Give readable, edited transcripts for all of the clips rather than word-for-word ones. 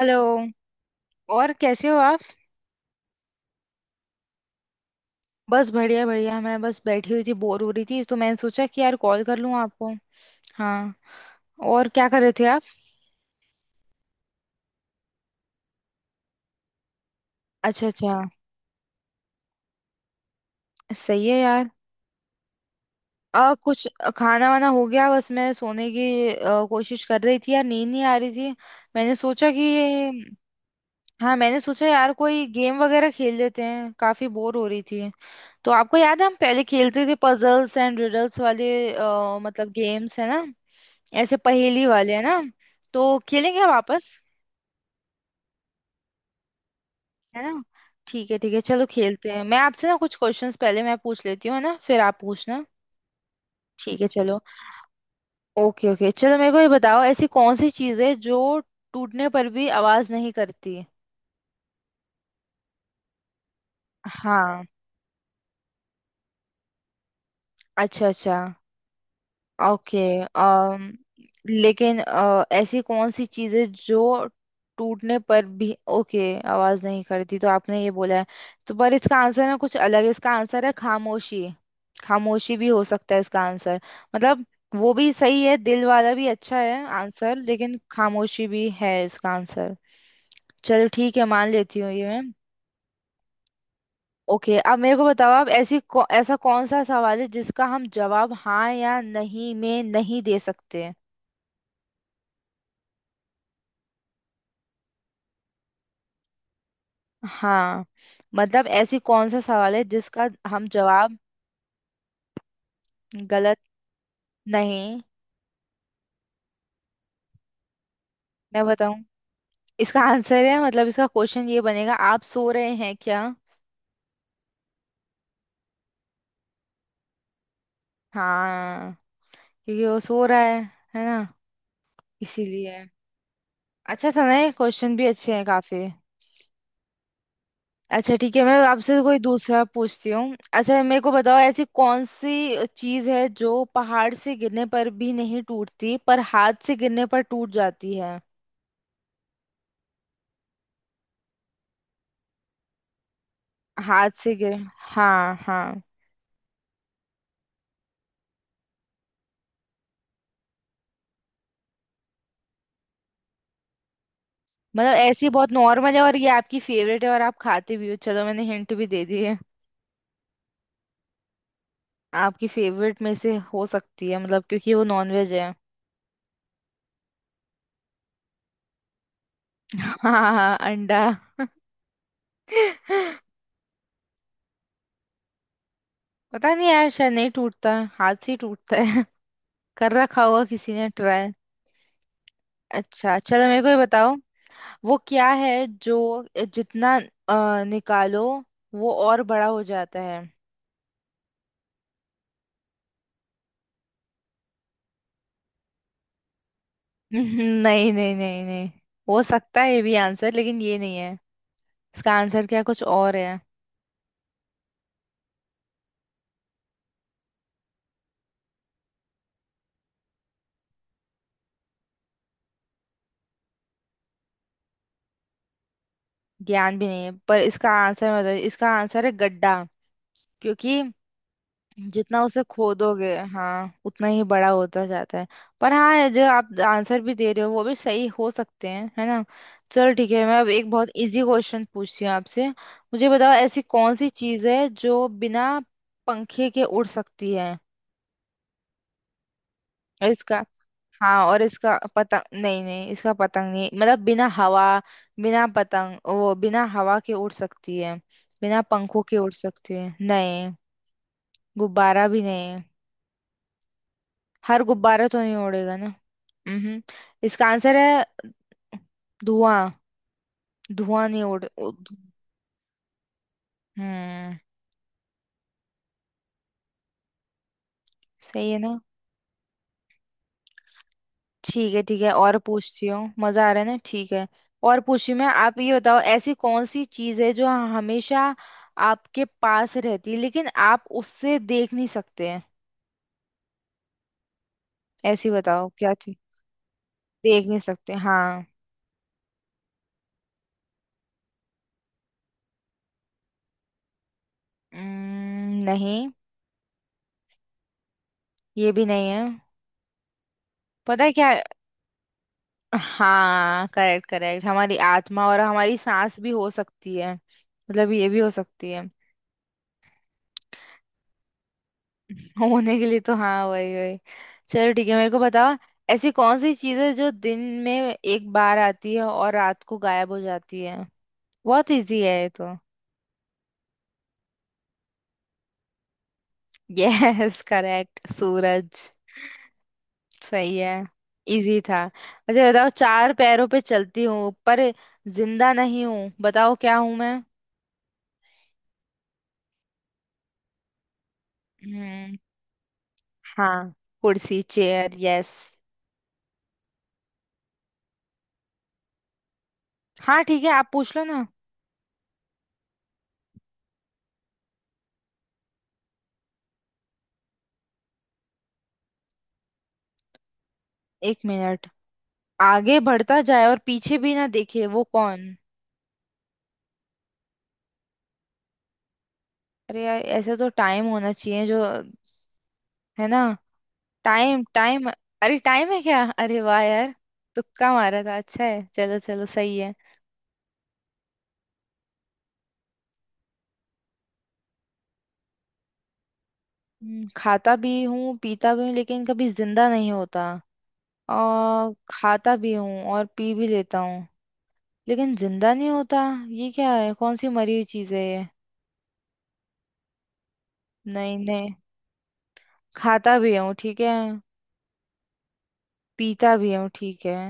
Hello. और कैसे हो आप। बस बढ़िया बढ़िया, मैं बस बैठी हुई थी, बोर हो रही थी तो मैंने सोचा कि यार कॉल कर लूं आपको। हाँ। और क्या कर रहे थे आप। अच्छा अच्छा। सही है यार। कुछ खाना वाना हो गया। बस मैं सोने की कोशिश कर रही थी यार, नींद नहीं आ रही थी। मैंने सोचा कि, हाँ मैंने सोचा यार कोई गेम वगैरह खेल लेते हैं, काफी बोर हो रही थी। तो आपको याद है हम पहले खेलते थे पजल्स एंड रिडल्स वाले। मतलब गेम्स है ना, ऐसे पहेली वाले है ना। तो खेलेंगे हम वापस, है ना। ठीक है ठीक है, चलो खेलते हैं। मैं आपसे ना कुछ क्वेश्चंस पहले मैं पूछ लेती हूँ, है ना, फिर आप पूछना। ठीक है चलो। ओके ओके, चलो मेरे को ये बताओ, ऐसी कौन सी चीज़ है जो टूटने पर भी आवाज नहीं करती। हाँ। अच्छा अच्छा। ओके। अम लेकिन ऐसी कौन सी चीजें जो टूटने पर भी, ओके, आवाज नहीं करती, तो आपने ये बोला है, तो पर इसका आंसर ना कुछ अलग है। इसका आंसर है खामोशी। खामोशी भी हो सकता है इसका आंसर, मतलब वो भी सही है, दिल वाला भी अच्छा है आंसर, लेकिन खामोशी भी है इसका आंसर। चलो ठीक है, मान लेती हूँ ये मैं। ओके, अब मेरे को बताओ आप, ऐसी ऐसा कौन सा सवाल है जिसका हम जवाब हाँ या नहीं में नहीं दे सकते। हाँ, मतलब ऐसी कौन सा सवाल है जिसका हम जवाब। गलत, नहीं। मैं बताऊं, इसका आंसर है, मतलब इसका क्वेश्चन ये बनेगा, आप सो रहे हैं क्या। हाँ, क्योंकि वो सो रहा है ना, इसीलिए। अच्छा था ना, क्वेश्चन भी अच्छे हैं काफी। अच्छा ठीक है, मैं आपसे कोई दूसरा पूछती हूँ। अच्छा मेरे को बताओ, ऐसी कौन सी चीज है जो पहाड़ से गिरने पर भी नहीं टूटती पर हाथ से गिरने पर टूट जाती है। हाथ से गिर हाँ हाँ। मतलब ऐसी बहुत नॉर्मल है और ये आपकी फेवरेट है और आप खाते भी हो, चलो मैंने हिंट भी दे दी है। आपकी फेवरेट में से हो सकती है, मतलब क्योंकि वो नॉनवेज है। हाँ हाँ, अंडा। पता नहीं यार, शायद नहीं टूटता है, हाथ से ही टूटता है। कर रखा होगा किसी ने ट्राई। अच्छा चलो, मेरे को ये बताओ, वो क्या है जो जितना निकालो वो और बड़ा हो जाता है। नहीं नहीं नहीं नहीं, हो सकता है ये भी आंसर, लेकिन ये नहीं है। इसका आंसर क्या कुछ और है। ज्ञान भी नहीं है, पर इसका आंसर मैं बता, इसका आंसर है गड्ढा। क्योंकि जितना उसे खोदोगे, हाँ, उतना ही बड़ा होता जाता है। पर हाँ ये जो आप आंसर भी दे रहे हो वो भी सही हो सकते हैं, है ना। चलो ठीक है, मैं अब एक बहुत इजी क्वेश्चन पूछती हूँ आपसे, मुझे बताओ ऐसी कौन सी चीज़ है जो बिना पंखे के उड़ सकती है। और इसका, हाँ और इसका पतंग नहीं, नहीं इसका पतंग नहीं, मतलब बिना हवा, बिना पतंग, वो बिना हवा के उड़ सकती है, बिना पंखों के उड़ सकती है। नहीं, गुब्बारा भी नहीं, हर गुब्बारा तो नहीं उड़ेगा ना। हम्म, इसका आंसर है धुआं। धुआं नहीं उड़ उड़- हम्म। सही है ना। ठीक है ठीक है, और पूछती हूँ, मजा आ रहा है ना, ठीक है और पूछती हूँ मैं। आप ये बताओ, ऐसी कौन सी चीज है जो हमेशा आपके पास रहती है लेकिन आप उससे देख नहीं सकते हैं। ऐसी बताओ क्या चीज, देख नहीं सकते, हाँ। नहीं, ये भी नहीं है। पता है क्या है? हाँ करेक्ट करेक्ट, हमारी आत्मा, और हमारी सांस भी हो सकती है, मतलब ये भी हो सकती है। होने के लिए तो हाँ, वही वही चलो ठीक है, मेरे को बताओ ऐसी कौन सी चीज़ है जो दिन में एक बार आती है और रात को गायब हो जाती है। बहुत इजी है ये तो। यस करेक्ट, सूरज। सही है, इजी था। अच्छा बताओ, चार पैरों पे चलती हूँ पर जिंदा नहीं हूँ, बताओ क्या हूँ मैं। हम्म, हाँ, कुर्सी, चेयर, यस। हाँ ठीक है, आप पूछ लो ना। एक मिनट, आगे बढ़ता जाए और पीछे भी ना देखे वो कौन। अरे यार, ऐसे तो टाइम होना चाहिए जो, है ना, टाइम टाइम। अरे टाइम है क्या, अरे वाह यार, तुक्का मारा था, अच्छा है। चलो चलो सही है। खाता भी हूँ पीता भी हूँ लेकिन कभी जिंदा नहीं होता, और खाता भी हूँ और पी भी लेता हूँ लेकिन जिंदा नहीं होता। ये क्या है, कौन सी मरी हुई चीज है ये। नहीं नहीं, खाता भी हूँ ठीक है, पीता भी हूँ ठीक है,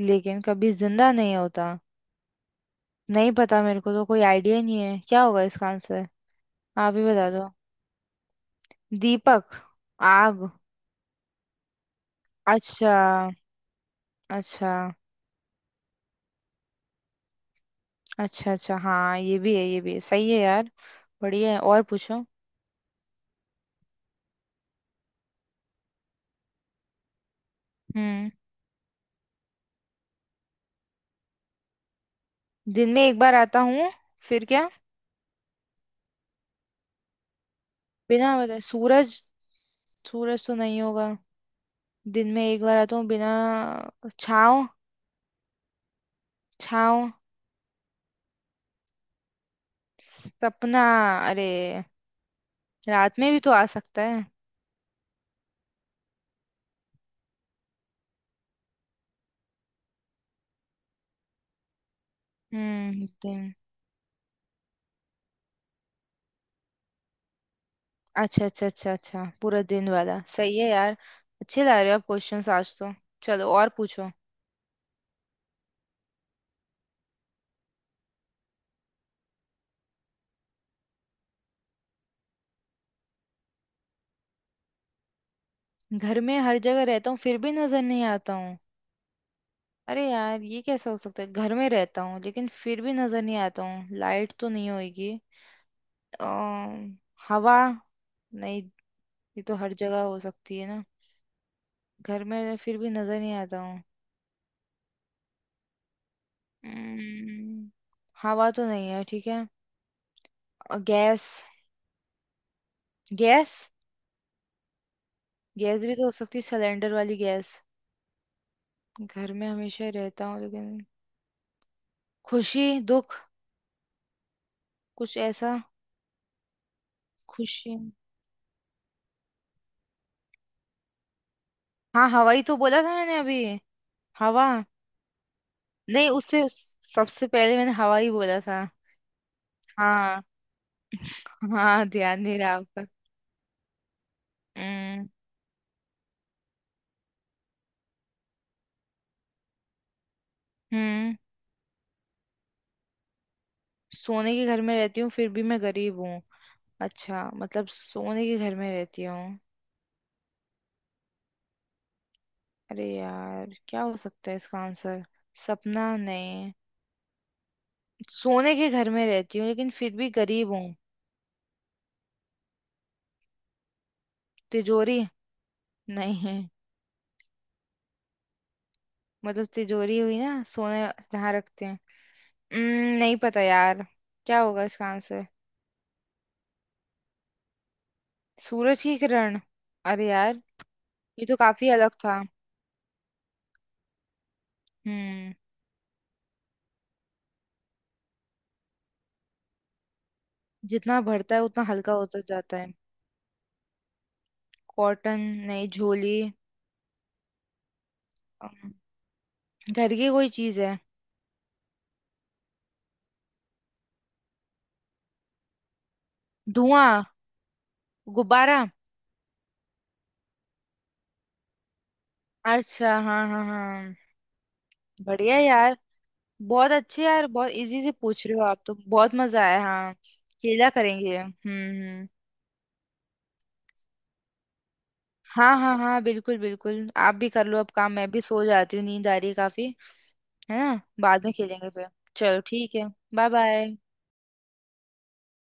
लेकिन कभी जिंदा नहीं होता। नहीं पता, मेरे को तो कोई आइडिया नहीं है क्या होगा इसका आंसर, आप ही बता दो। दीपक, आग। अच्छा, अच्छा अच्छा, अच्छा हाँ ये भी है ये भी है, सही है यार। बढ़िया है, और पूछो। हम्म, दिन में एक बार आता हूँ, फिर क्या, बिना बताए सूरज। सूरज तो नहीं होगा, दिन में एक बार आता हूँ बिना, छाँव, छाँव, सपना, अरे रात में भी तो आ सकता है। हम्म, दिन। अच्छा अच्छा अच्छा अच्छा, पूरा दिन वाला, सही है यार। अच्छे ला रहे हो आप क्वेश्चंस आज तो। चलो और पूछो। घर में हर जगह रहता हूँ फिर भी नजर नहीं आता हूँ। अरे यार, ये कैसा हो सकता है, घर में रहता हूँ लेकिन फिर भी नजर नहीं आता हूँ, लाइट तो नहीं होगी। अम, हवा, नहीं ये तो हर जगह हो सकती है ना, घर में फिर भी नजर नहीं आता हूँ। अम्म, हवा तो नहीं है ठीक है, गैस, गैस, गैस भी तो हो सकती है, सिलेंडर वाली गैस। घर में हमेशा रहता हूँ लेकिन, खुशी दुख, कुछ ऐसा, खुशी। हाँ हवाई तो बोला था मैंने अभी। हवा, नहीं उससे, सबसे पहले मैंने हवा ही बोला था। हाँ, हाँ ध्यान नहीं रहा आपका। हम्म हम्म, सोने के घर में रहती हूँ फिर भी मैं गरीब हूँ। अच्छा, मतलब सोने के घर में रहती हूँ, अरे यार क्या हो सकता है इसका आंसर, सपना नहीं। सोने के घर में रहती हूँ लेकिन फिर भी गरीब हूँ। तिजोरी, नहीं मतलब तिजोरी हुई ना, सोने जहाँ रखते हैं। हम्म, नहीं पता यार, क्या होगा इसका आंसर। सूरज की किरण, अरे यार ये तो काफी अलग था। हम्म, जितना बढ़ता है उतना हल्का होता जाता है। कॉटन, नहीं झोली, अम, घर की कोई चीज है, धुआं, गुब्बारा। अच्छा हाँ हाँ हाँ, बढ़िया यार, बहुत अच्छे यार, बहुत इजी से पूछ रहे हो आप तो, बहुत मजा आया। हाँ खेला करेंगे। हम्म। हाँ हाँ हाँ, बिल्कुल बिल्कुल, आप भी कर लो अब काम, मैं भी सो जाती हूँ, नींद आ रही है काफी। है ना, बाद में खेलेंगे फिर। चलो ठीक है, बाय बाय।